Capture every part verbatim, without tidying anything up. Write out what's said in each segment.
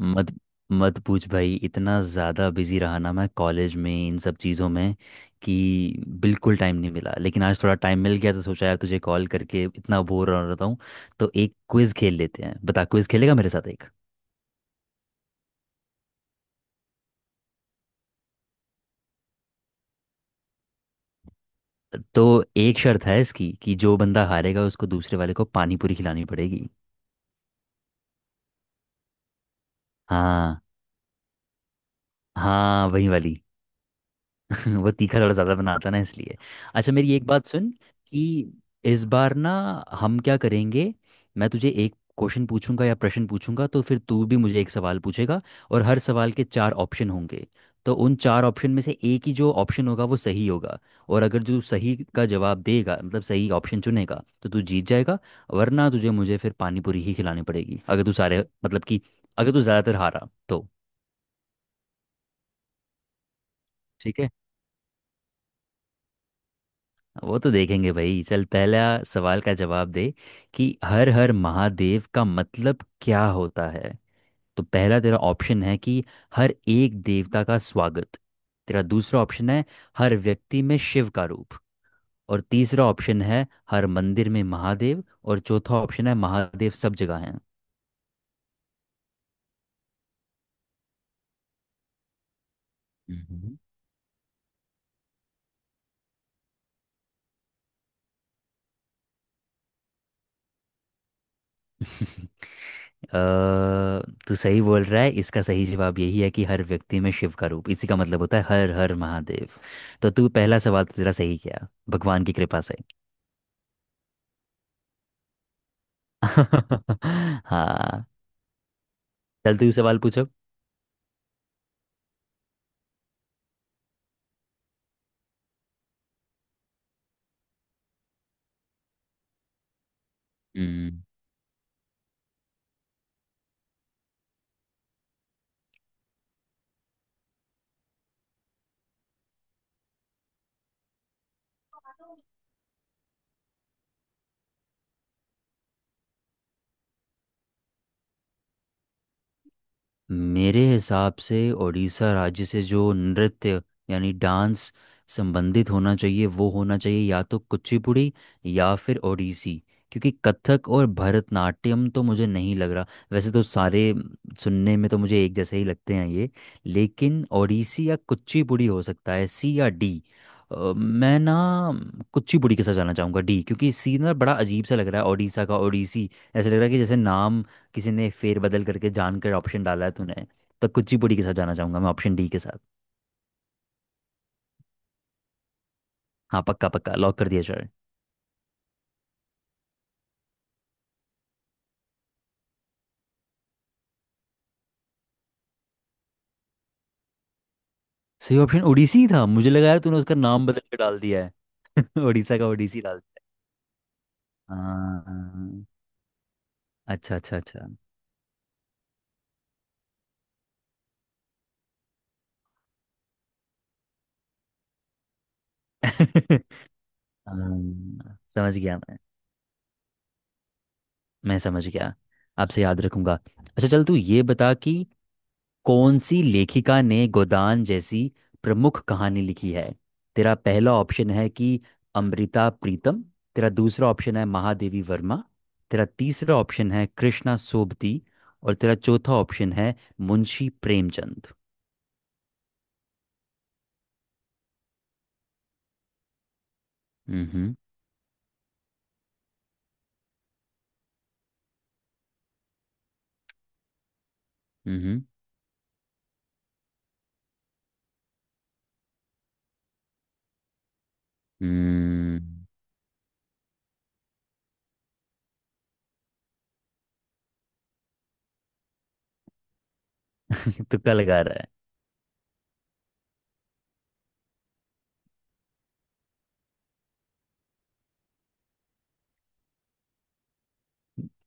मत मत पूछ भाई। इतना ज़्यादा बिजी रहा ना मैं कॉलेज में इन सब चीज़ों में कि बिल्कुल टाइम नहीं मिला। लेकिन आज थोड़ा टाइम मिल गया तो सोचा यार तुझे कॉल करके, इतना बोर हो रहा हूँ तो एक क्विज़ खेल लेते हैं। बता, क्विज़ खेलेगा मेरे साथ एक? तो एक शर्त है इसकी कि जो बंदा हारेगा उसको दूसरे वाले को पानी पूरी खिलानी पड़ेगी। हाँ, हाँ वही वाली। वो तीखा थोड़ा ज़्यादा बनाता ना इसलिए। अच्छा मेरी एक बात सुन कि इस बार ना हम क्या करेंगे, मैं तुझे एक क्वेश्चन पूछूंगा या प्रश्न पूछूंगा, तो फिर तू भी मुझे एक सवाल पूछेगा। और हर सवाल के चार ऑप्शन होंगे। तो उन चार ऑप्शन में से एक ही जो ऑप्शन होगा वो सही होगा। और अगर जो सही का जवाब देगा मतलब सही ऑप्शन चुनेगा तो तू जीत जाएगा। वरना तुझे मुझे फिर पानी पूरी ही खिलानी पड़ेगी, अगर तू सारे मतलब कि अगर तू ज़्यादातर हारा तो। ठीक है, वो तो देखेंगे भाई। चल पहला सवाल का जवाब दे कि हर हर महादेव का मतलब क्या होता है। तो पहला तेरा ऑप्शन है कि हर एक देवता का स्वागत। तेरा दूसरा ऑप्शन है हर व्यक्ति में शिव का रूप। और तीसरा ऑप्शन है हर मंदिर में महादेव। और चौथा ऑप्शन है महादेव सब जगह हैं। हम्म। अ, तू सही बोल रहा है। इसका सही जवाब यही है कि हर व्यक्ति में शिव का रूप, इसी का मतलब होता है हर हर महादेव। तो तू पहला सवाल तो तेरा सही किया भगवान की कृपा से। हाँ, चल तू सवाल पूछो। हम्म। मेरे हिसाब से उड़ीसा राज्य से जो नृत्य यानी डांस संबंधित होना चाहिए वो होना चाहिए या तो कुचिपुड़ी या फिर ओडिसी। क्योंकि कथक और भरतनाट्यम तो मुझे नहीं लग रहा। वैसे तो सारे सुनने में तो मुझे एक जैसे ही लगते हैं ये। लेकिन ओडिसी या कुचिपुड़ी हो सकता है, सी या डी। अ, मैं ना कुचिपुड़ी के साथ जाना चाहूँगा, डी। क्योंकि सी ना बड़ा अजीब सा लग रहा है, ओडिशा का ओडिसी। ऐसा लग रहा है कि जैसे नाम किसी ने फेरबदल करके जानकर ऑप्शन डाला है तूने। तो कुचिपुड़ी के साथ जाना चाहूंगा मैं, ऑप्शन डी के साथ। हाँ पक्का, पक्का लॉक कर दिया सर। सही ऑप्शन ओडिसी था? मुझे लगा यार तूने उसका नाम बदल के डाल दिया है। उड़ीसा का ओडिसी डाल दिया है। हाँ। अच्छा, अच्छा, अच्छा। हाँ, समझ गया मैं। मैं समझ गया, आपसे याद रखूंगा। अच्छा चल तू ये बता कि कौन सी लेखिका ने गोदान जैसी प्रमुख कहानी लिखी है। तेरा पहला ऑप्शन है कि अमृता प्रीतम। तेरा दूसरा ऑप्शन है महादेवी वर्मा। तेरा तीसरा ऑप्शन है कृष्णा सोबती। और तेरा चौथा ऑप्शन है मुंशी प्रेमचंद। हम्म हम्म हम्म तुक्का लगा रहा है?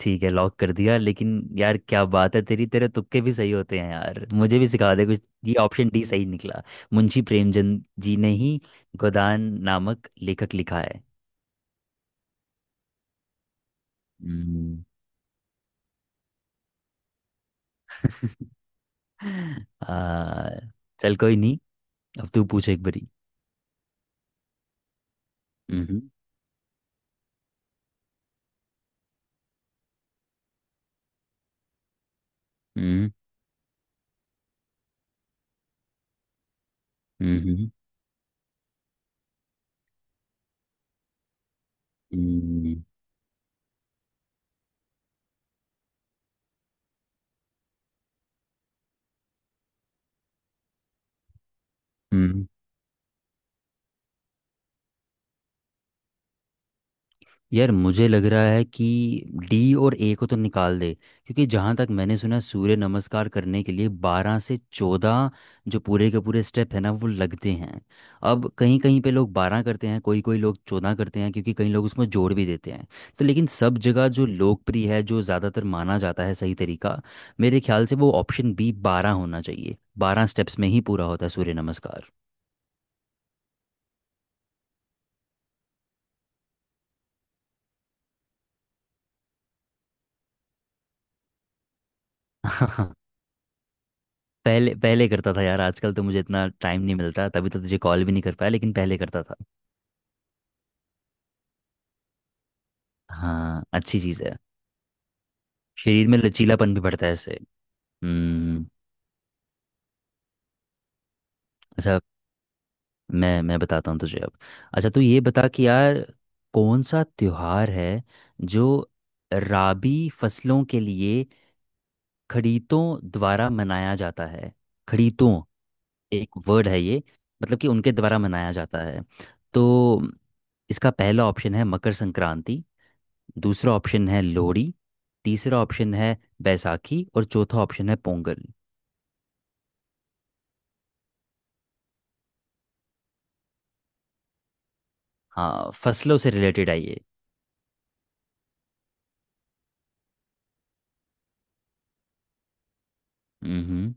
ठीक है लॉक कर दिया। लेकिन यार क्या बात है तेरी तेरे तुक्के भी सही होते हैं यार, मुझे भी सिखा दे कुछ। ये ऑप्शन डी सही निकला। मुंशी प्रेमचंद जी ने ही गोदान नामक लेखक लिखा है। हम्म, आ, चल कोई नहीं, अब तू पूछ एक बारी। हम्म हम्म हम्म हम्म हम्म यार मुझे लग रहा है कि डी और ए को तो निकाल दे। क्योंकि जहाँ तक मैंने सुना सूर्य नमस्कार करने के लिए बारह से चौदह जो पूरे के पूरे स्टेप है ना वो लगते हैं। अब कहीं कहीं पे लोग बारह करते हैं, कोई कोई लोग चौदह करते हैं, क्योंकि कई लोग उसमें जोड़ भी देते हैं। तो लेकिन सब जगह जो लोकप्रिय है जो ज़्यादातर माना जाता है सही तरीका, मेरे ख्याल से वो ऑप्शन बी बारह होना चाहिए। बारह स्टेप्स में ही पूरा होता है सूर्य नमस्कार। पहले पहले करता था यार, आजकल तो मुझे इतना टाइम नहीं मिलता, तभी तो तुझे कॉल भी नहीं कर पाया, लेकिन पहले करता था। हाँ अच्छी चीज़ है, शरीर में लचीलापन भी बढ़ता है इससे। हम्म। अच्छा मैं मैं बताता हूँ तुझे अब। अच्छा तू ये बता कि यार कौन सा त्योहार है जो राबी फसलों के लिए खड़ीतों द्वारा मनाया जाता है। खड़ीतों एक वर्ड है ये, मतलब कि उनके द्वारा मनाया जाता है। तो इसका पहला ऑप्शन है मकर संक्रांति। दूसरा ऑप्शन है लोहड़ी। तीसरा ऑप्शन है बैसाखी। और चौथा ऑप्शन है पोंगल। हाँ फसलों से रिलेटेड है ये। हम्म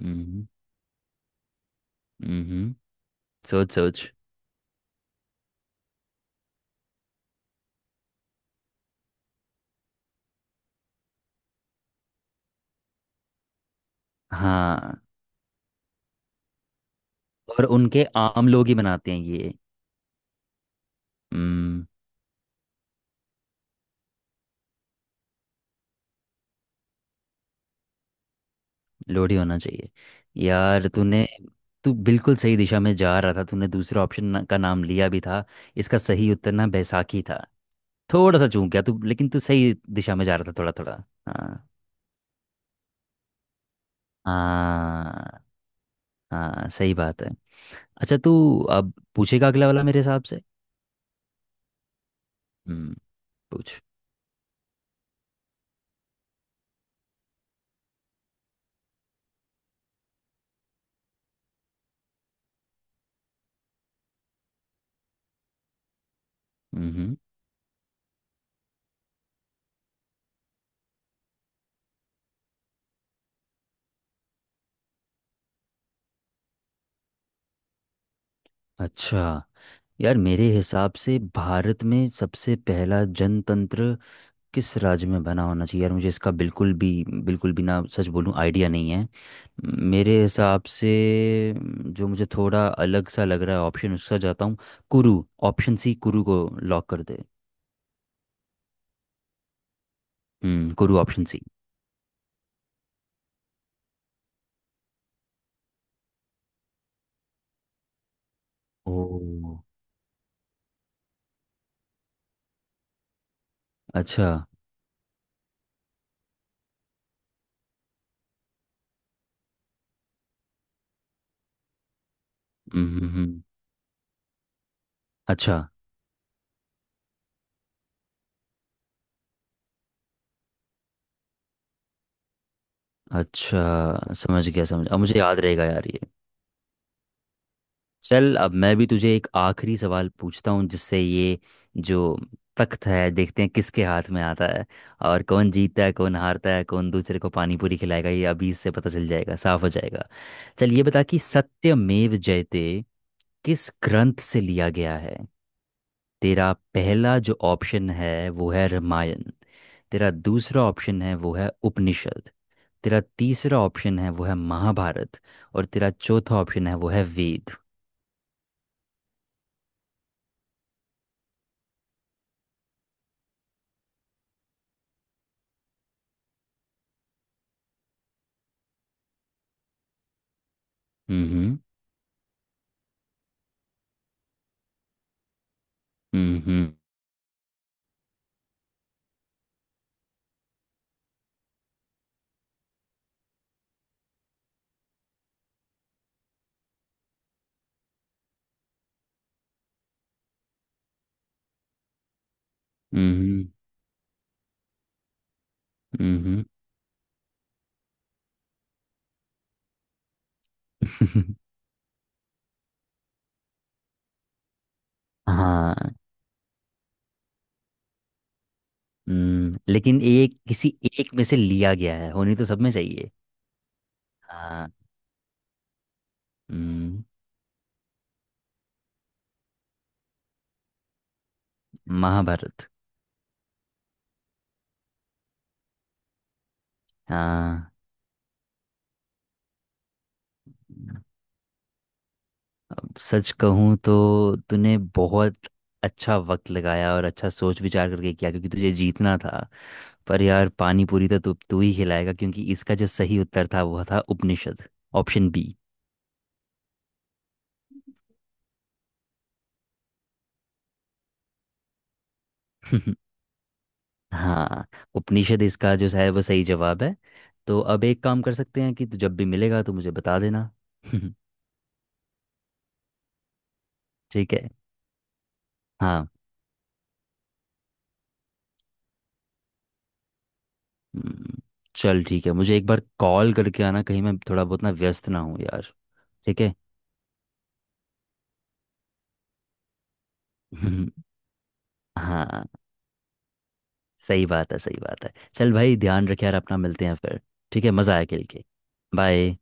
हम्म हम्म सोच सोच। हाँ, और उनके आम लोग ही बनाते हैं ये। हम्म। लोहड़ी होना चाहिए? यार तूने, तू बिल्कुल सही दिशा में जा रहा था, तूने दूसरा ऑप्शन ना, का नाम लिया भी था। इसका सही उत्तर ना बैसाखी था। थोड़ा सा चूक गया तू, लेकिन तू सही दिशा में जा रहा था, थोड़ा थोड़ा हाँ। हाँ, हाँ सही बात है। अच्छा तू अब पूछेगा अगला वाला मेरे हिसाब से। हम्म, पूछ। हम्म। अच्छा, यार मेरे हिसाब से भारत में सबसे पहला जनतंत्र किस राज्य में बना होना चाहिए, यार मुझे इसका बिल्कुल भी, बिल्कुल भी ना सच बोलूं आइडिया नहीं है। मेरे हिसाब से म, जो मुझे थोड़ा अलग सा लग रहा है ऑप्शन उसका जाता हूँ, कुरु। ऑप्शन सी कुरु को लॉक कर दे। हम्म, कुरु ऑप्शन सी। ओ, अच्छा। हम्म हम्म हम्म, अच्छा अच्छा, समझ गया समझ, अब मुझे याद रहेगा यार ये। चल अब मैं भी तुझे एक आखिरी सवाल पूछता हूँ, जिससे ये जो तख्त है देखते हैं किसके हाथ में आता है, और कौन जीतता है कौन हारता है, कौन दूसरे को पानी पूरी खिलाएगा ये अभी इससे पता चल जाएगा, साफ हो जाएगा। चल ये बता कि सत्यमेव जयते किस ग्रंथ से लिया गया है। तेरा पहला जो ऑप्शन है वो है रामायण। तेरा दूसरा ऑप्शन है वो है उपनिषद। तेरा तीसरा ऑप्शन है वो है महाभारत। और तेरा चौथा ऑप्शन है वो है वेद। हम्म हम्म हम्म हम्म हाँ हम्म, लेकिन एक किसी एक में से लिया गया है, होनी तो सब में चाहिए। हाँ हम्म, महाभारत। हाँ, अब सच कहूँ तो तूने बहुत अच्छा वक्त लगाया और अच्छा सोच विचार करके किया क्योंकि तुझे जीतना था। पर यार पानी पूरी तो तू तू ही खिलाएगा, क्योंकि इसका जो सही उत्तर था वो था उपनिषद, ऑप्शन बी। हाँ, उपनिषद इसका जो है वो सही जवाब है। तो अब एक काम कर सकते हैं कि तू जब भी मिलेगा तो मुझे बता देना। ठीक है। हाँ हम्म, चल ठीक है, मुझे एक बार कॉल करके आना कहीं मैं थोड़ा बहुत ना व्यस्त ना हूँ यार। ठीक है। हाँ सही बात है, सही बात है। चल भाई ध्यान रख यार अपना, मिलते हैं फिर। ठीक है, मज़ा आया खेल के। बाय।